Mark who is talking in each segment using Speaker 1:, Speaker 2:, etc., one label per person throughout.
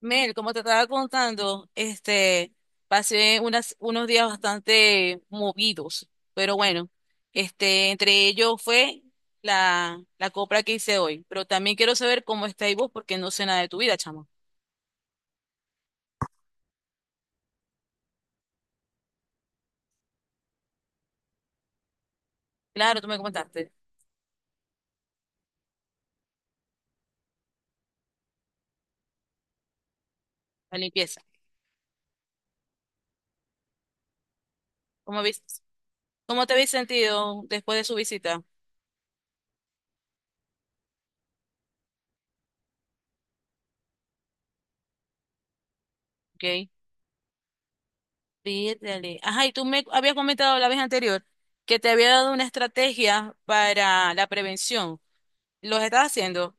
Speaker 1: Mel, como te estaba contando, pasé unos días bastante movidos, pero bueno, entre ellos fue la compra que hice hoy, pero también quiero saber cómo estáis vos porque no sé nada de tu vida, chamo. Claro, tú me comentaste, la limpieza. ¿Cómo ves, ¿Cómo te habéis sentido después de su visita? Ok. Pídele. Ajá, y tú me habías comentado la vez anterior que te había dado una estrategia para la prevención. ¿Los estás haciendo?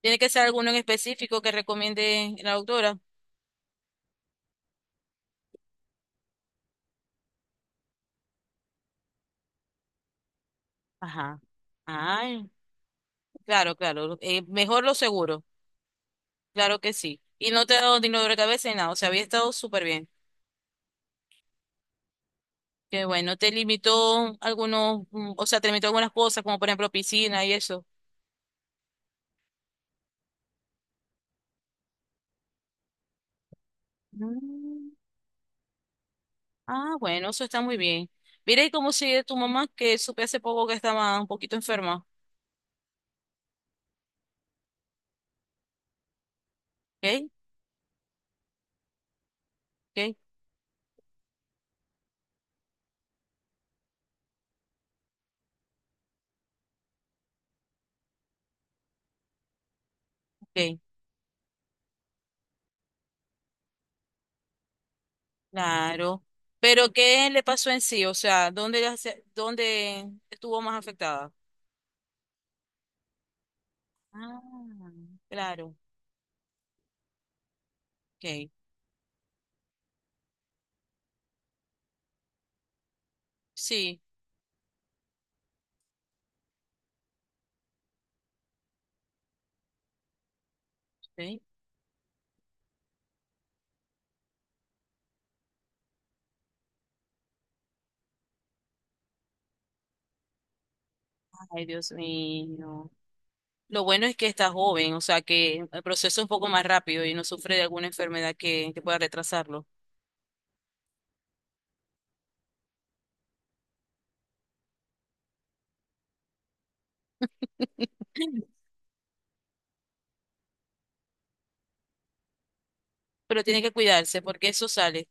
Speaker 1: Tiene que ser alguno en específico que recomiende la doctora. Ajá. Ay, claro, claro. Mejor lo seguro. Claro que sí. Y no te ha dado ni dolor de cabeza ni nada. O sea, había estado súper bien. Que bueno, te limitó o sea, te limitó algunas cosas, como por ejemplo piscina y eso. Mm. Ah, bueno, eso está muy bien. Mira, ¿y cómo sigue tu mamá? Que supe hace poco que estaba un poquito enferma. ¿Ok? ¿Ok? ¿Ok? Claro. Pero ¿qué le pasó en sí? O sea, ¿dónde, dónde estuvo más afectada? Ah, claro. Ok. Sí. Sí. Ay, Dios mío. Lo bueno es que está joven, o sea, que el proceso es un poco más rápido y no sufre de alguna enfermedad que pueda retrasarlo. Pero tiene que cuidarse porque eso sale.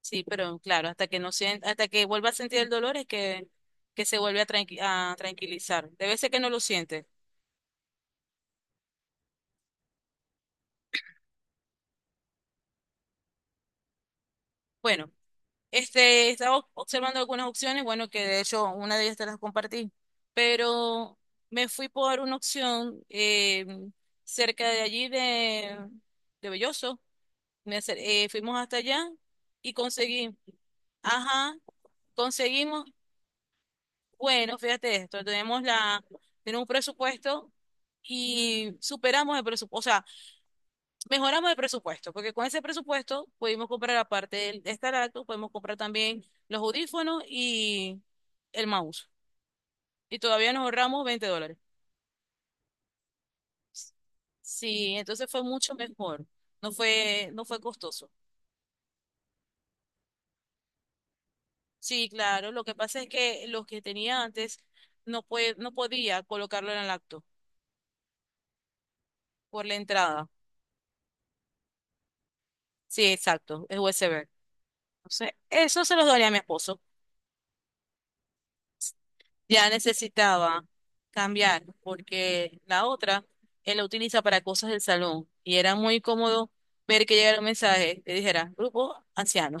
Speaker 1: Sí, pero claro, hasta que no sien- hasta que vuelva a sentir el dolor es que se vuelve a tranquilizar. Debe ser que no lo siente. Bueno. Estaba observando algunas opciones, bueno, que de hecho una de ellas te las compartí, pero me fui por una opción cerca de allí de Belloso. Fuimos hasta allá y ajá, conseguimos, bueno, fíjate esto, tenemos un presupuesto y superamos el presupuesto. Mejoramos el presupuesto, porque con ese presupuesto pudimos comprar, aparte de esta laptop, podemos comprar también los audífonos y el mouse. Y todavía nos ahorramos $20. Sí, entonces fue mucho mejor. No fue costoso. Sí, claro. Lo que pasa es que los que tenía antes no podía colocarlo en el acto por la entrada. Sí, exacto. Es USB. Entonces, eso se los daría a mi esposo. Ya necesitaba cambiar porque la otra él la utiliza para cosas del salón y era muy cómodo ver que llegara un mensaje que dijera grupo anciano.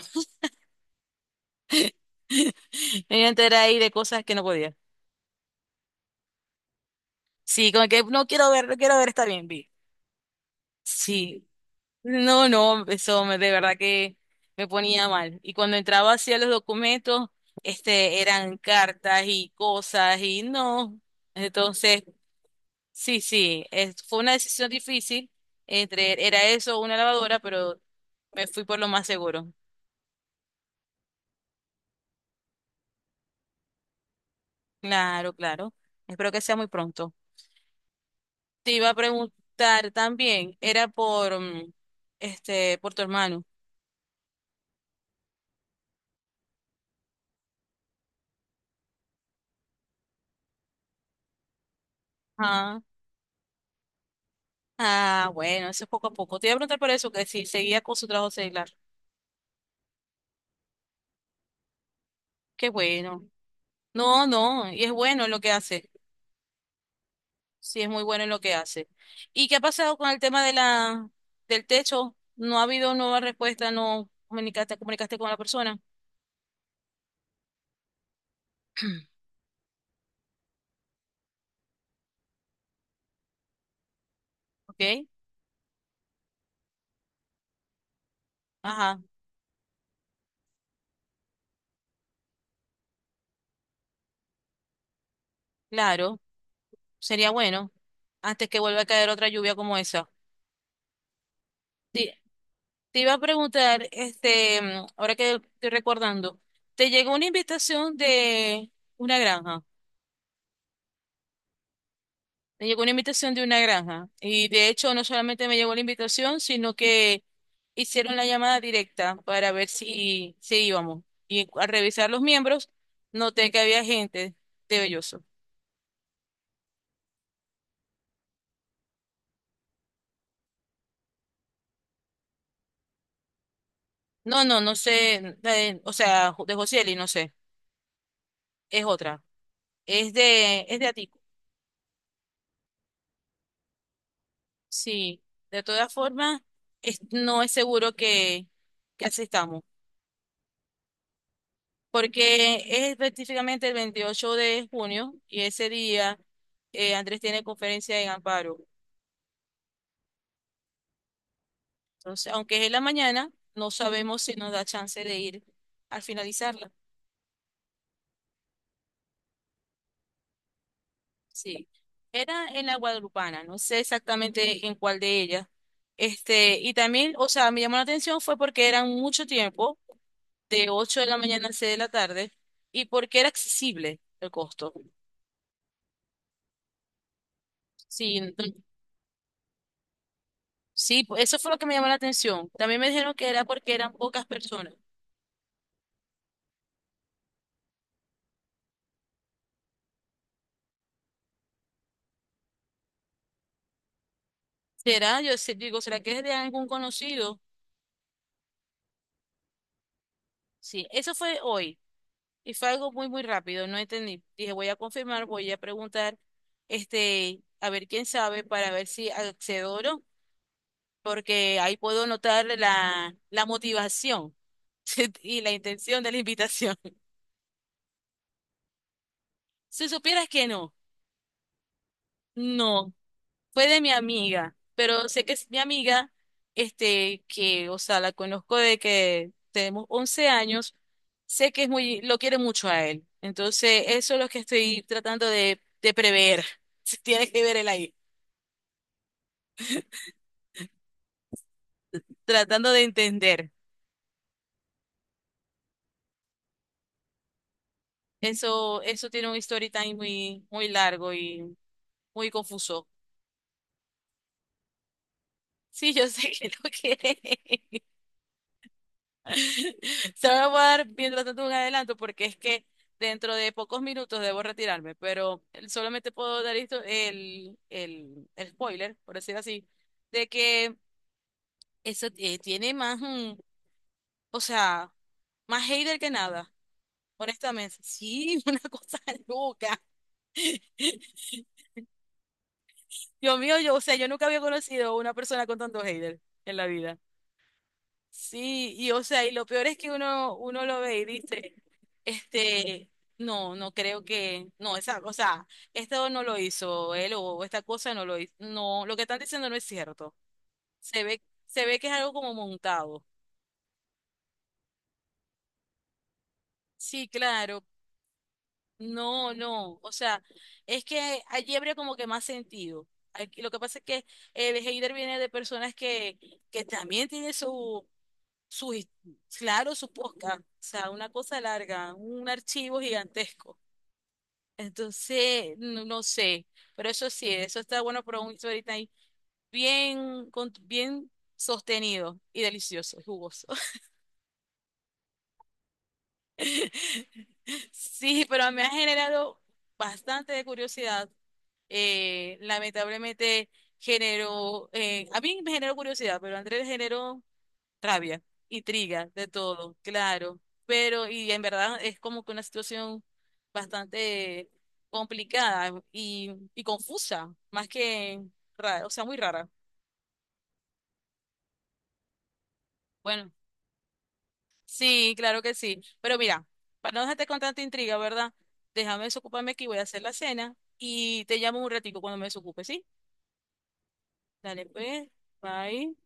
Speaker 1: Me iba a enterar ahí de cosas que no podía. Sí, como que no quiero ver, no quiero ver, está bien, vi. Sí, no, no, de verdad que me ponía mal. Y cuando entraba hacia los documentos, eran cartas y cosas y no. Entonces, sí, sí, fue una decisión difícil entre, era eso o una lavadora, pero me fui por lo más seguro. Claro, claro. Espero que sea muy pronto. Te iba a preguntar también, era este, por tu hermano. Ah, ah, bueno, eso es poco a poco. Te iba a preguntar por eso, que si seguía con su trabajo seglar. Qué bueno. No, no, y es bueno lo que hace. Sí, es muy bueno en lo que hace. ¿Y qué ha pasado con el tema de del techo? No ha habido nueva respuesta, no comunicaste, comunicaste con la persona. Ok, ajá, claro, sería bueno antes que vuelva a caer otra lluvia como esa. Te, te iba a preguntar, ahora que estoy recordando, ¿te llegó una invitación de una granja? Me llegó una invitación de una granja y de hecho no solamente me llegó la invitación, sino que hicieron la llamada directa para ver si íbamos. Y al revisar los miembros, noté que había gente de Belloso. No, no, no sé, o sea, de Josieli, no sé, es otra. Es de Atico. Sí, de todas formas, no es seguro que asistamos. Porque es específicamente el 28 de junio y ese día Andrés tiene conferencia en Amparo. Entonces, aunque es en la mañana, no sabemos si nos da chance de ir al finalizarla. Sí, era en la Guadalupana, no sé exactamente en cuál de ellas. Este, y también, o sea, me llamó la atención fue porque eran mucho tiempo, de 8 de la mañana a 6 de la tarde, y porque era accesible el costo. Sí, no. Eso fue lo que me llamó la atención. También me dijeron que era porque eran pocas personas. ¿Será? Digo, ¿será que es de algún conocido? Sí, eso fue hoy y fue algo muy, muy rápido, no entendí. Dije, voy a confirmar, voy a preguntar, este, a ver quién sabe para ver si accedo o no, porque ahí puedo notar la motivación y la intención de la invitación. Si supieras que no, no. Fue de mi amiga, pero sé que es mi amiga, o sea, la conozco de que tenemos 11 años, sé que es muy, lo quiere mucho a él. Entonces, eso es lo que estoy tratando de prever. Tiene que ver él ahí, tratando de entender. Eso tiene un story time muy, muy largo y muy confuso. Sí, yo sé que lo quiere. Solo voy a dar mientras tanto un adelanto porque es que dentro de pocos minutos debo retirarme, pero solamente puedo dar esto el spoiler, por decir así, de que eso tiene más, o sea, más hater que nada, honestamente. Sí, una cosa loca. Dios mío, yo, o sea, yo nunca había conocido una persona con tanto hater en la vida. Sí, y o sea, y lo peor es que uno lo ve y dice, este, no, no creo que, no, o sea, esto no lo hizo él o esta cosa no lo hizo, no, lo que están diciendo no es cierto. Se ve, se ve que es algo como montado. Sí, claro, no, no, o sea, es que allí habría como que más sentido. Lo que pasa es que el hater viene de personas que también tienen sus su, his- claro, su podcast, o sea, una cosa larga, un archivo gigantesco. Entonces, no, no sé, pero eso sí, eso está bueno para un ahorita ahí, bien, bien sostenido y delicioso, y jugoso. Sí, pero me ha generado bastante de curiosidad. Eh, lamentablemente a mí me generó curiosidad, pero a Andrés le generó rabia, intriga, de todo, claro. Pero, y en verdad es como que una situación bastante complicada y confusa, más que rara, o sea, muy rara. Bueno, sí, claro que sí. Pero mira, para no dejarte con tanta intriga, ¿verdad? Déjame desocuparme aquí, voy a hacer la cena y te llamo un ratico cuando me desocupe, ¿sí? Dale, pues, bye.